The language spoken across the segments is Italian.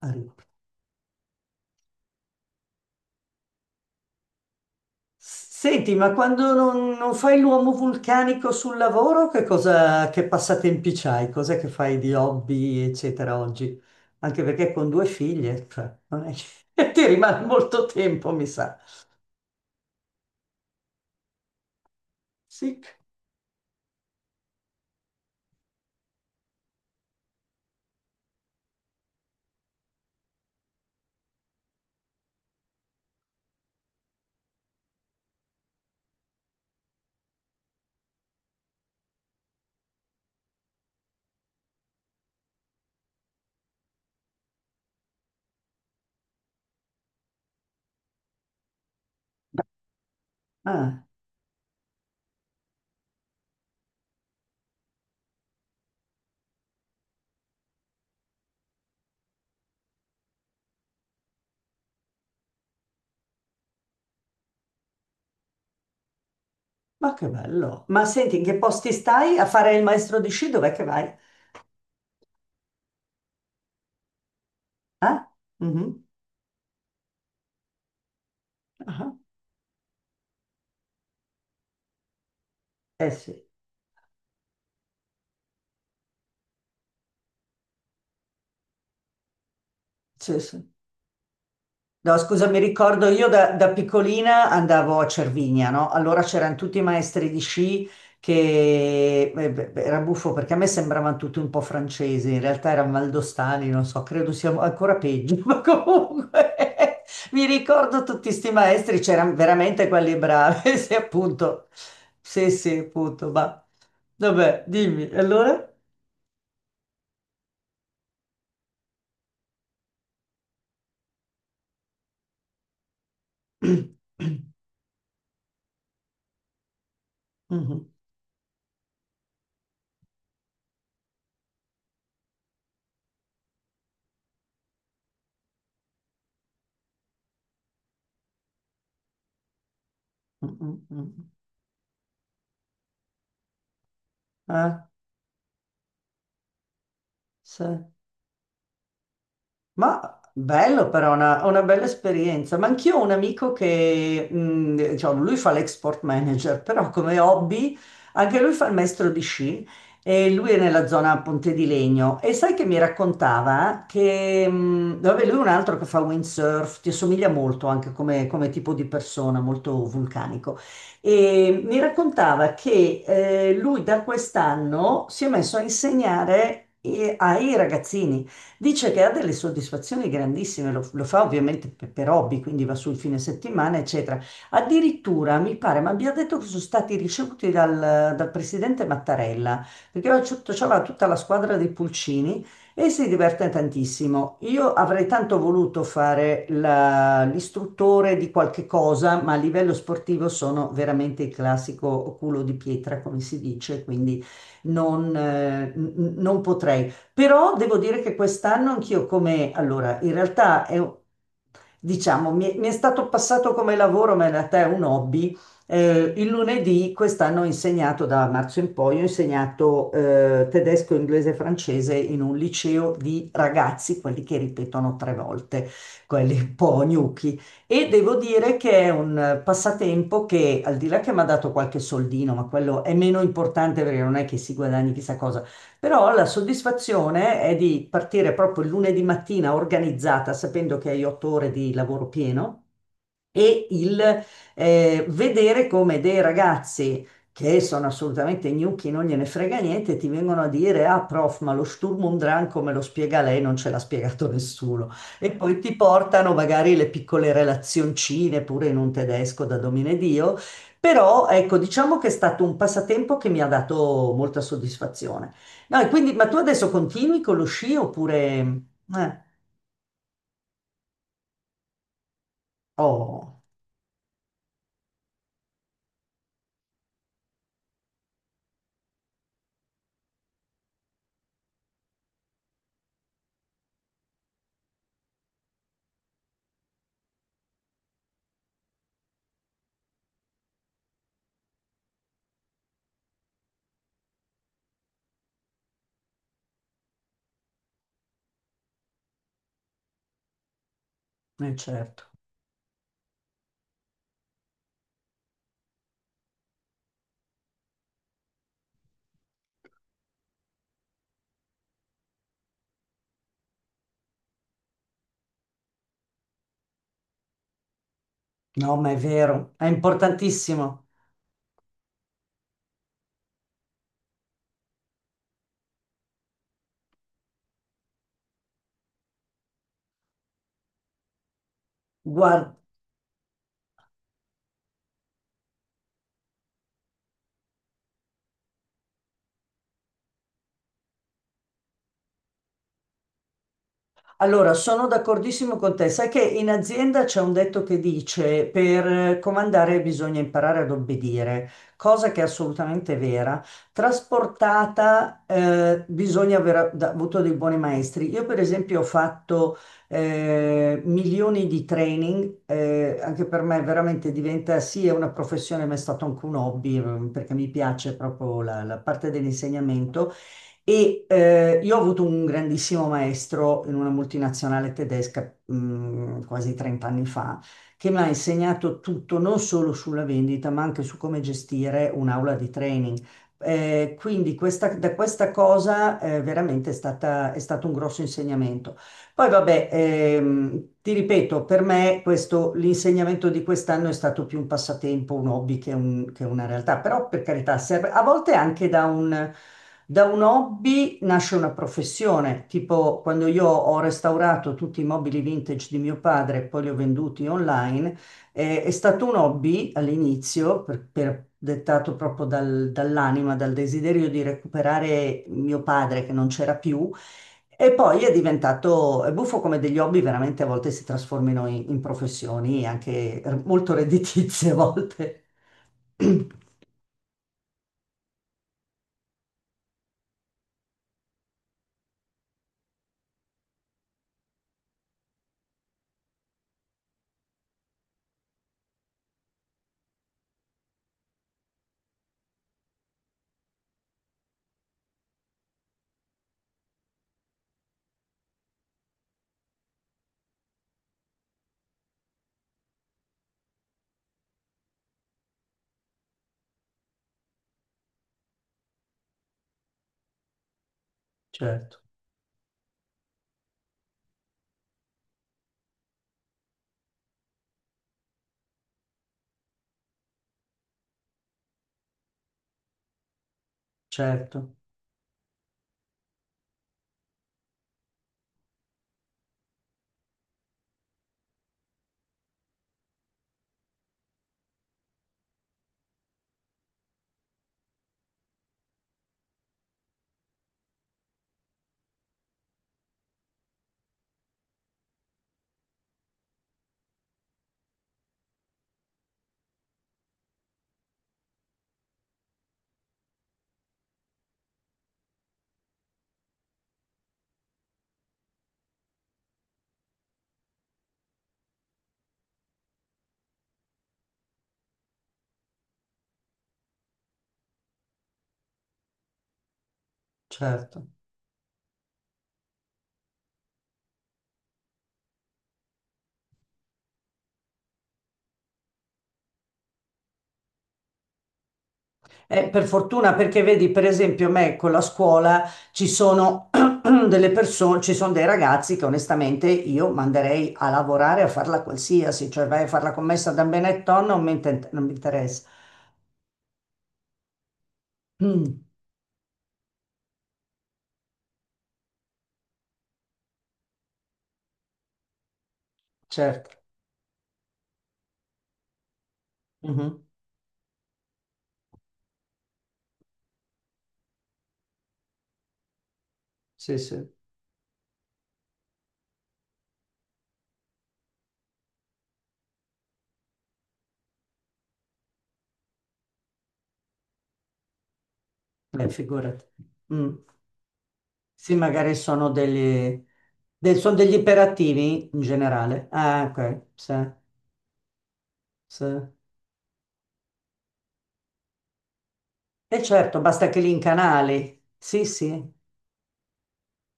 Arrivo. Senti, ma quando non fai l'uomo vulcanico sul lavoro, che passatempi c'hai? Cos'è che fai di hobby, eccetera, oggi? Anche perché con due figlie, cioè, non è che ti rimane molto tempo, mi sa. Sì. Ah, ma che bello. Ma senti, in che posti stai a fare il maestro di sci? Dov'è che vai? Ah? Mhm. Ah. Eh sì, sì, sì. No, scusa, mi ricordo io da piccolina andavo a Cervinia, no? Allora c'erano tutti i maestri di sci che beh, era buffo perché a me sembravano tutti un po' francesi, in realtà erano valdostani, non so, credo siamo ancora peggio, ma comunque mi ricordo tutti questi maestri, c'erano veramente quelli bravi, sì, appunto. Sì, sì, appunto, ma vabbè, dimmi, allora? Mhm, mhm, mhm. Ah, sì. Ma bello però, una bella esperienza. Ma anch'io ho un amico che, diciamo, lui fa l'export manager, però come hobby anche lui fa il maestro di sci e lui è nella zona Ponte di Legno. E sai che mi raccontava che, vabbè, lui è un altro che fa windsurf, ti assomiglia molto anche come, come tipo di persona, molto vulcanico. E mi raccontava che lui da quest'anno si è messo a insegnare ai ragazzini. Dice che ha delle soddisfazioni grandissime, lo fa ovviamente per hobby, quindi va sul fine settimana, eccetera. Addirittura mi pare, ma abbia detto che sono stati ricevuti dal presidente Mattarella, perché c'aveva tutta la squadra dei Pulcini e si diverte tantissimo. Io avrei tanto voluto l'istruttore di qualche cosa, ma a livello sportivo sono veramente il classico culo di pietra, come si dice, quindi non, non potrei. Però devo dire che quest'anno anch'io come, allora, in realtà è, un- diciamo, mi è stato passato come lavoro, ma in realtà è un hobby. Il lunedì quest'anno ho insegnato, da marzo in poi, ho insegnato tedesco, inglese e francese in un liceo di ragazzi, quelli che ripetono tre volte, quelli un po' gnocchi. E devo dire che è un passatempo che, al di là che mi ha dato qualche soldino, ma quello è meno importante perché non è che si guadagni chissà cosa. Però la soddisfazione è di partire proprio il lunedì mattina organizzata, sapendo che hai otto ore di lavoro pieno e il vedere come dei ragazzi che sono assolutamente gnocchi, non gliene frega niente, ti vengono a dire, ah prof, ma lo Sturm und Drang come lo spiega lei non ce l'ha spiegato nessuno. E poi ti portano magari le piccole relazioncine pure in un tedesco da domine Dio, però ecco, diciamo che è stato un passatempo che mi ha dato molta soddisfazione. No, e quindi, ma tu adesso continui con lo sci oppure... Eh, oh, certo. No, ma è vero, è importantissimo. Guarda, allora sono d'accordissimo con te. Sai che in azienda c'è un detto che dice per comandare bisogna imparare ad obbedire, cosa che è assolutamente vera. Trasportata, bisogna avuto dei buoni maestri. Io, per esempio, ho fatto milioni di training, anche per me veramente diventa sì, è una professione, ma è stato anche un hobby, perché mi piace proprio la parte dell'insegnamento. E io ho avuto un grandissimo maestro in una multinazionale tedesca quasi 30 anni fa, che mi ha insegnato tutto, non solo sulla vendita, ma anche su come gestire un'aula di training. Quindi da questa cosa veramente è stato un grosso insegnamento. Poi vabbè, ti ripeto, per me l'insegnamento di quest'anno è stato più un passatempo, un hobby che una realtà, però per carità serve, a volte anche da un hobby nasce una professione, tipo quando io ho restaurato tutti i mobili vintage di mio padre e poi li ho venduti online, è stato un hobby all'inizio, dettato proprio dall'anima, dal desiderio di recuperare mio padre che non c'era più e poi è diventato è buffo come degli hobby veramente a volte si trasformino in, in professioni anche molto redditizie a volte. Certo, certo, certo. Per fortuna perché vedi, per esempio, a me con la scuola ci sono delle persone, ci sono dei ragazzi che onestamente io manderei a lavorare a farla qualsiasi, cioè vai a fare la commessa da Benetton, non mi interessa. Mm, certo. Mhm. Sì, sì. Beh, figurati. Mm. Sì, magari sono degli, sono degli iperattivi in generale. Ah, ok, sì, sì. E certo, basta che li incanali. Sì, sì,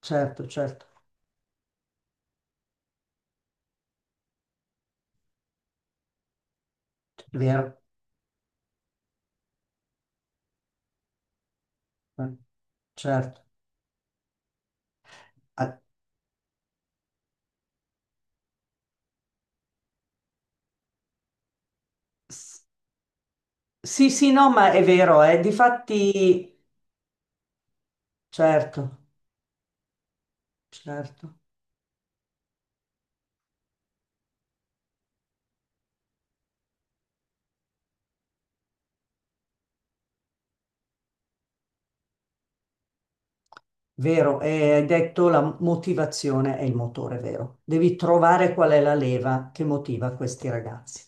certo, certo. È vero, eh, certo. Ah, s- sì, sì, no, ma è vero, eh. Difatti, certo, certo. Vero, e hai detto la motivazione è il motore, vero? Devi trovare qual è la leva che motiva questi ragazzi.